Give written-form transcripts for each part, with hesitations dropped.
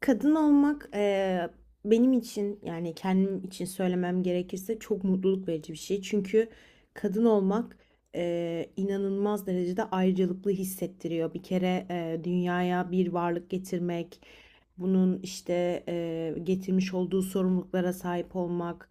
Kadın olmak benim için yani kendim için söylemem gerekirse çok mutluluk verici bir şey. Çünkü kadın olmak inanılmaz derecede ayrıcalıklı hissettiriyor. Bir kere dünyaya bir varlık getirmek, bunun işte getirmiş olduğu sorumluluklara sahip olmak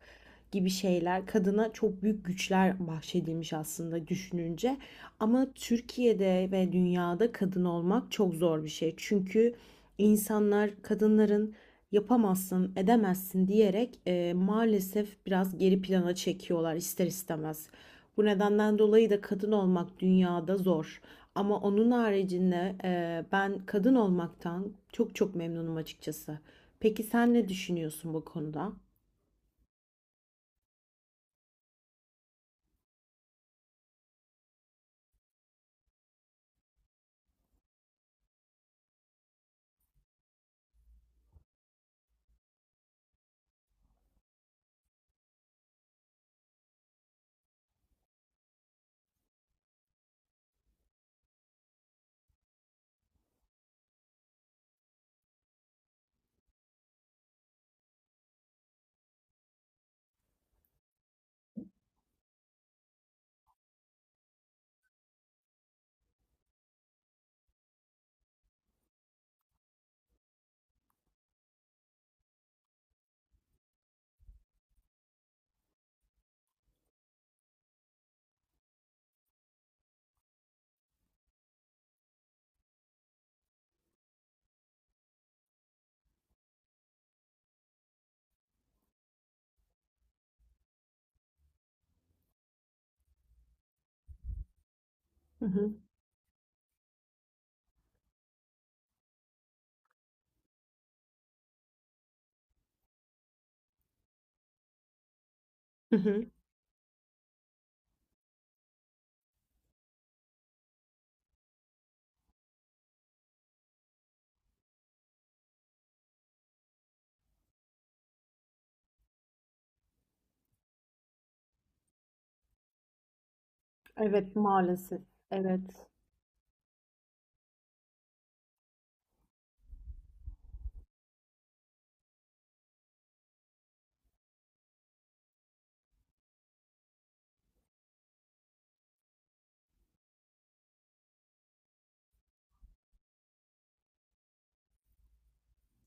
gibi şeyler kadına çok büyük güçler bahşedilmiş aslında düşününce. Ama Türkiye'de ve dünyada kadın olmak çok zor bir şey. Çünkü insanlar kadınların yapamazsın, edemezsin diyerek maalesef biraz geri plana çekiyorlar ister istemez. Bu nedenden dolayı da kadın olmak dünyada zor. Ama onun haricinde ben kadın olmaktan çok çok memnunum açıkçası. Peki sen ne düşünüyorsun bu konuda? Hı hı. Hı hı. Evet, maalesef. Evet.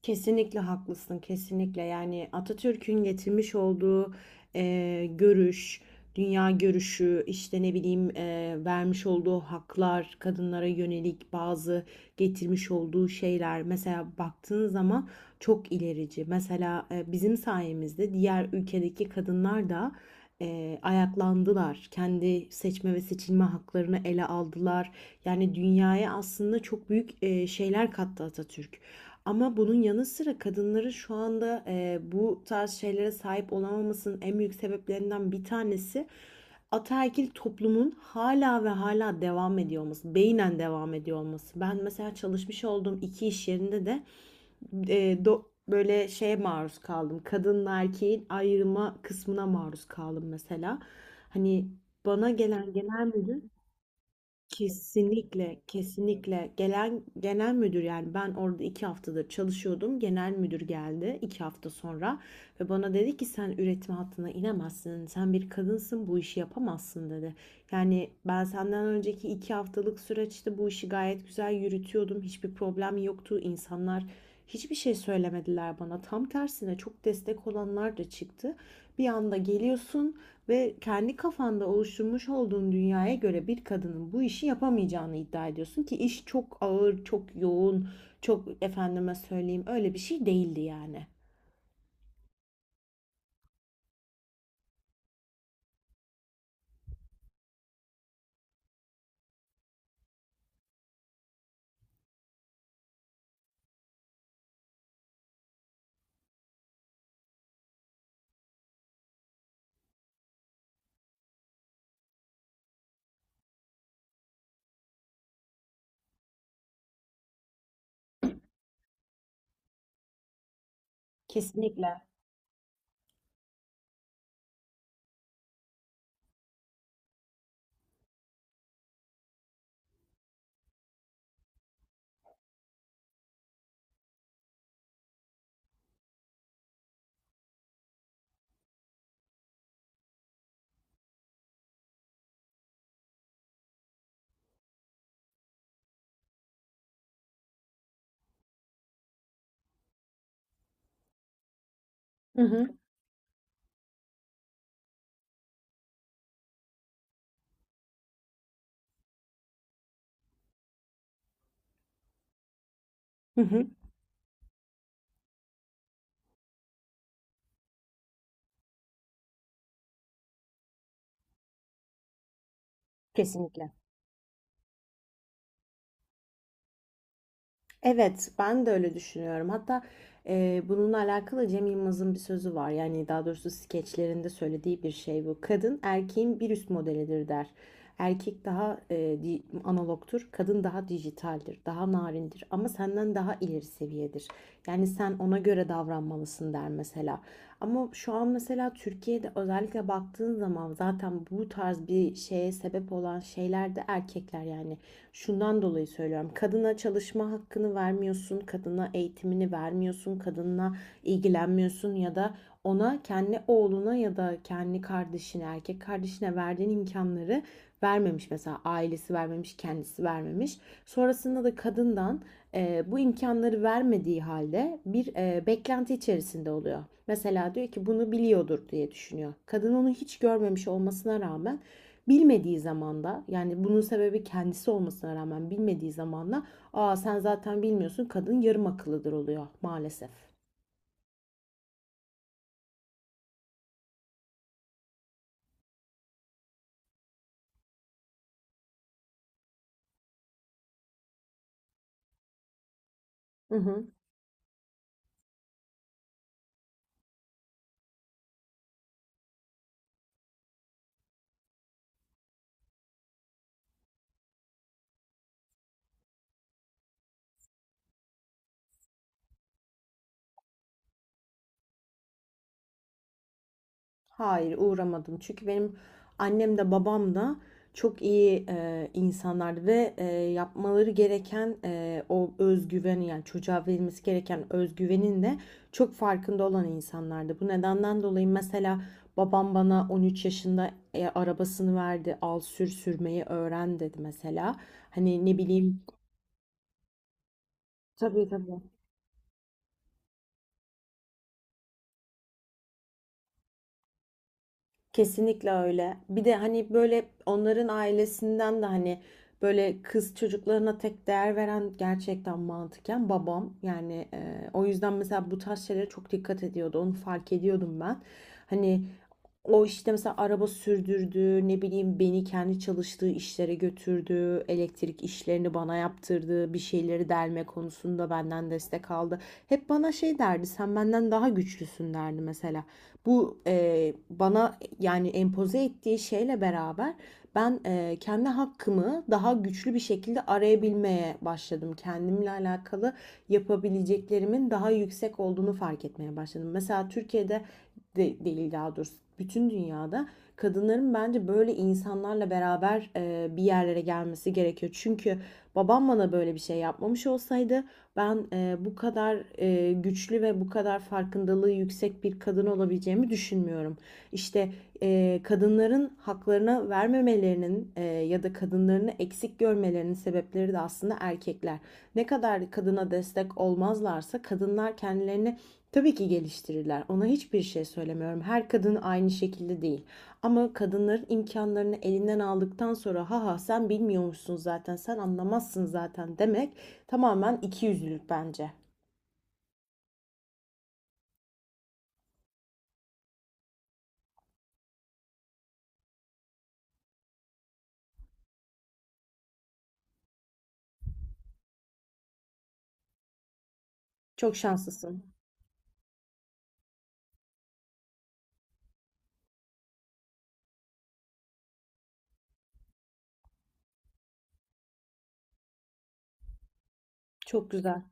Kesinlikle haklısın, kesinlikle. Yani Atatürk'ün getirmiş olduğu görüş, dünya görüşü, işte ne bileyim vermiş olduğu haklar, kadınlara yönelik bazı getirmiş olduğu şeyler. Mesela baktığın zaman çok ilerici. Mesela bizim sayemizde diğer ülkedeki kadınlar da ayaklandılar. Kendi seçme ve seçilme haklarını ele aldılar. Yani dünyaya aslında çok büyük şeyler kattı Atatürk. Ama bunun yanı sıra kadınların şu anda bu tarz şeylere sahip olamamasının en büyük sebeplerinden bir tanesi ataerkil toplumun hala ve hala devam ediyor olması, beynen devam ediyor olması. Ben mesela çalışmış olduğum iki iş yerinde de böyle şeye maruz kaldım. Kadınla erkeğin ayrıma kısmına maruz kaldım mesela. Hani bana gelen genel müdür. Kesinlikle, kesinlikle. Gelen genel müdür, yani ben orada iki haftadır çalışıyordum. Genel müdür geldi iki hafta sonra ve bana dedi ki sen üretim hattına inemezsin. Sen bir kadınsın, bu işi yapamazsın dedi. Yani ben senden önceki iki haftalık süreçte işte bu işi gayet güzel yürütüyordum. Hiçbir problem yoktu. İnsanlar hiçbir şey söylemediler bana. Tam tersine çok destek olanlar da çıktı. Bir anda geliyorsun ve kendi kafanda oluşturmuş olduğun dünyaya göre bir kadının bu işi yapamayacağını iddia ediyorsun ki iş çok ağır, çok yoğun, çok efendime söyleyeyim öyle bir şey değildi yani. Kesinlikle. Hı hı. Hı hı. Kesinlikle. Evet, ben de öyle düşünüyorum. Hatta bununla alakalı Cem Yılmaz'ın bir sözü var. Yani daha doğrusu skeçlerinde söylediği bir şey bu. Kadın erkeğin bir üst modelidir der. Erkek daha analogtur, kadın daha dijitaldir, daha narindir ama senden daha ileri seviyedir. Yani sen ona göre davranmalısın der mesela. Ama şu an mesela Türkiye'de özellikle baktığın zaman zaten bu tarz bir şeye sebep olan şeyler de erkekler yani. Şundan dolayı söylüyorum. Kadına çalışma hakkını vermiyorsun, kadına eğitimini vermiyorsun, kadınla ilgilenmiyorsun ya da ona kendi oğluna ya da kendi kardeşine, erkek kardeşine verdiğin imkanları vermemiş. Mesela ailesi vermemiş, kendisi vermemiş. Sonrasında da kadından bu imkanları vermediği halde bir beklenti içerisinde oluyor. Mesela diyor ki bunu biliyordur diye düşünüyor. Kadın onu hiç görmemiş olmasına rağmen, bilmediği zaman da yani bunun sebebi kendisi olmasına rağmen bilmediği zaman da aa sen zaten bilmiyorsun, kadın yarım akıllıdır oluyor maalesef. Hı hı. Hayır, uğramadım. Çünkü benim annem de babam da çok iyi insanlardı ve yapmaları gereken o özgüveni yani çocuğa verilmesi gereken özgüvenin de çok farkında olan insanlardı. Bu nedenden dolayı mesela babam bana 13 yaşında arabasını verdi, al sür, sürmeyi öğren dedi mesela. Hani ne bileyim. Tabii, tabii. Kesinlikle öyle. Bir de hani böyle onların ailesinden de hani böyle kız çocuklarına tek değer veren gerçekten mantıken babam. Yani o yüzden mesela bu tarz şeylere çok dikkat ediyordu. Onu fark ediyordum ben. Hani o işte mesela araba sürdürdü, ne bileyim beni kendi çalıştığı işlere götürdü, elektrik işlerini bana yaptırdı, bir şeyleri delme konusunda benden destek aldı. Hep bana şey derdi, sen benden daha güçlüsün derdi mesela. Bu bana yani empoze ettiği şeyle beraber ben kendi hakkımı daha güçlü bir şekilde arayabilmeye başladım. Kendimle alakalı yapabileceklerimin daha yüksek olduğunu fark etmeye başladım. Mesela değil daha doğrusu bütün dünyada kadınların bence böyle insanlarla beraber bir yerlere gelmesi gerekiyor. Çünkü babam bana böyle bir şey yapmamış olsaydı ben bu kadar güçlü ve bu kadar farkındalığı yüksek bir kadın olabileceğimi düşünmüyorum. İşte kadınların haklarına vermemelerinin ya da kadınlarını eksik görmelerinin sebepleri de aslında erkekler. Ne kadar kadına destek olmazlarsa kadınlar kendilerini tabii ki geliştirirler. Ona hiçbir şey söylemiyorum. Her kadın aynı şekilde değil. Ama kadınların imkanlarını elinden aldıktan sonra ha ha sen bilmiyormuşsun zaten, sen anlamazsın zaten demek tamamen ikiyüzlülük bence. Çok şanslısın. Çok güzel.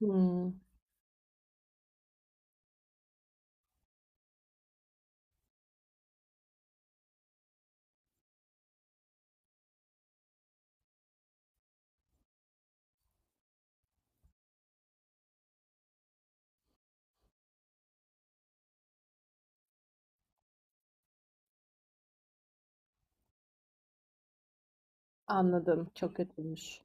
Hmm, anladım. Çok kötüymüş.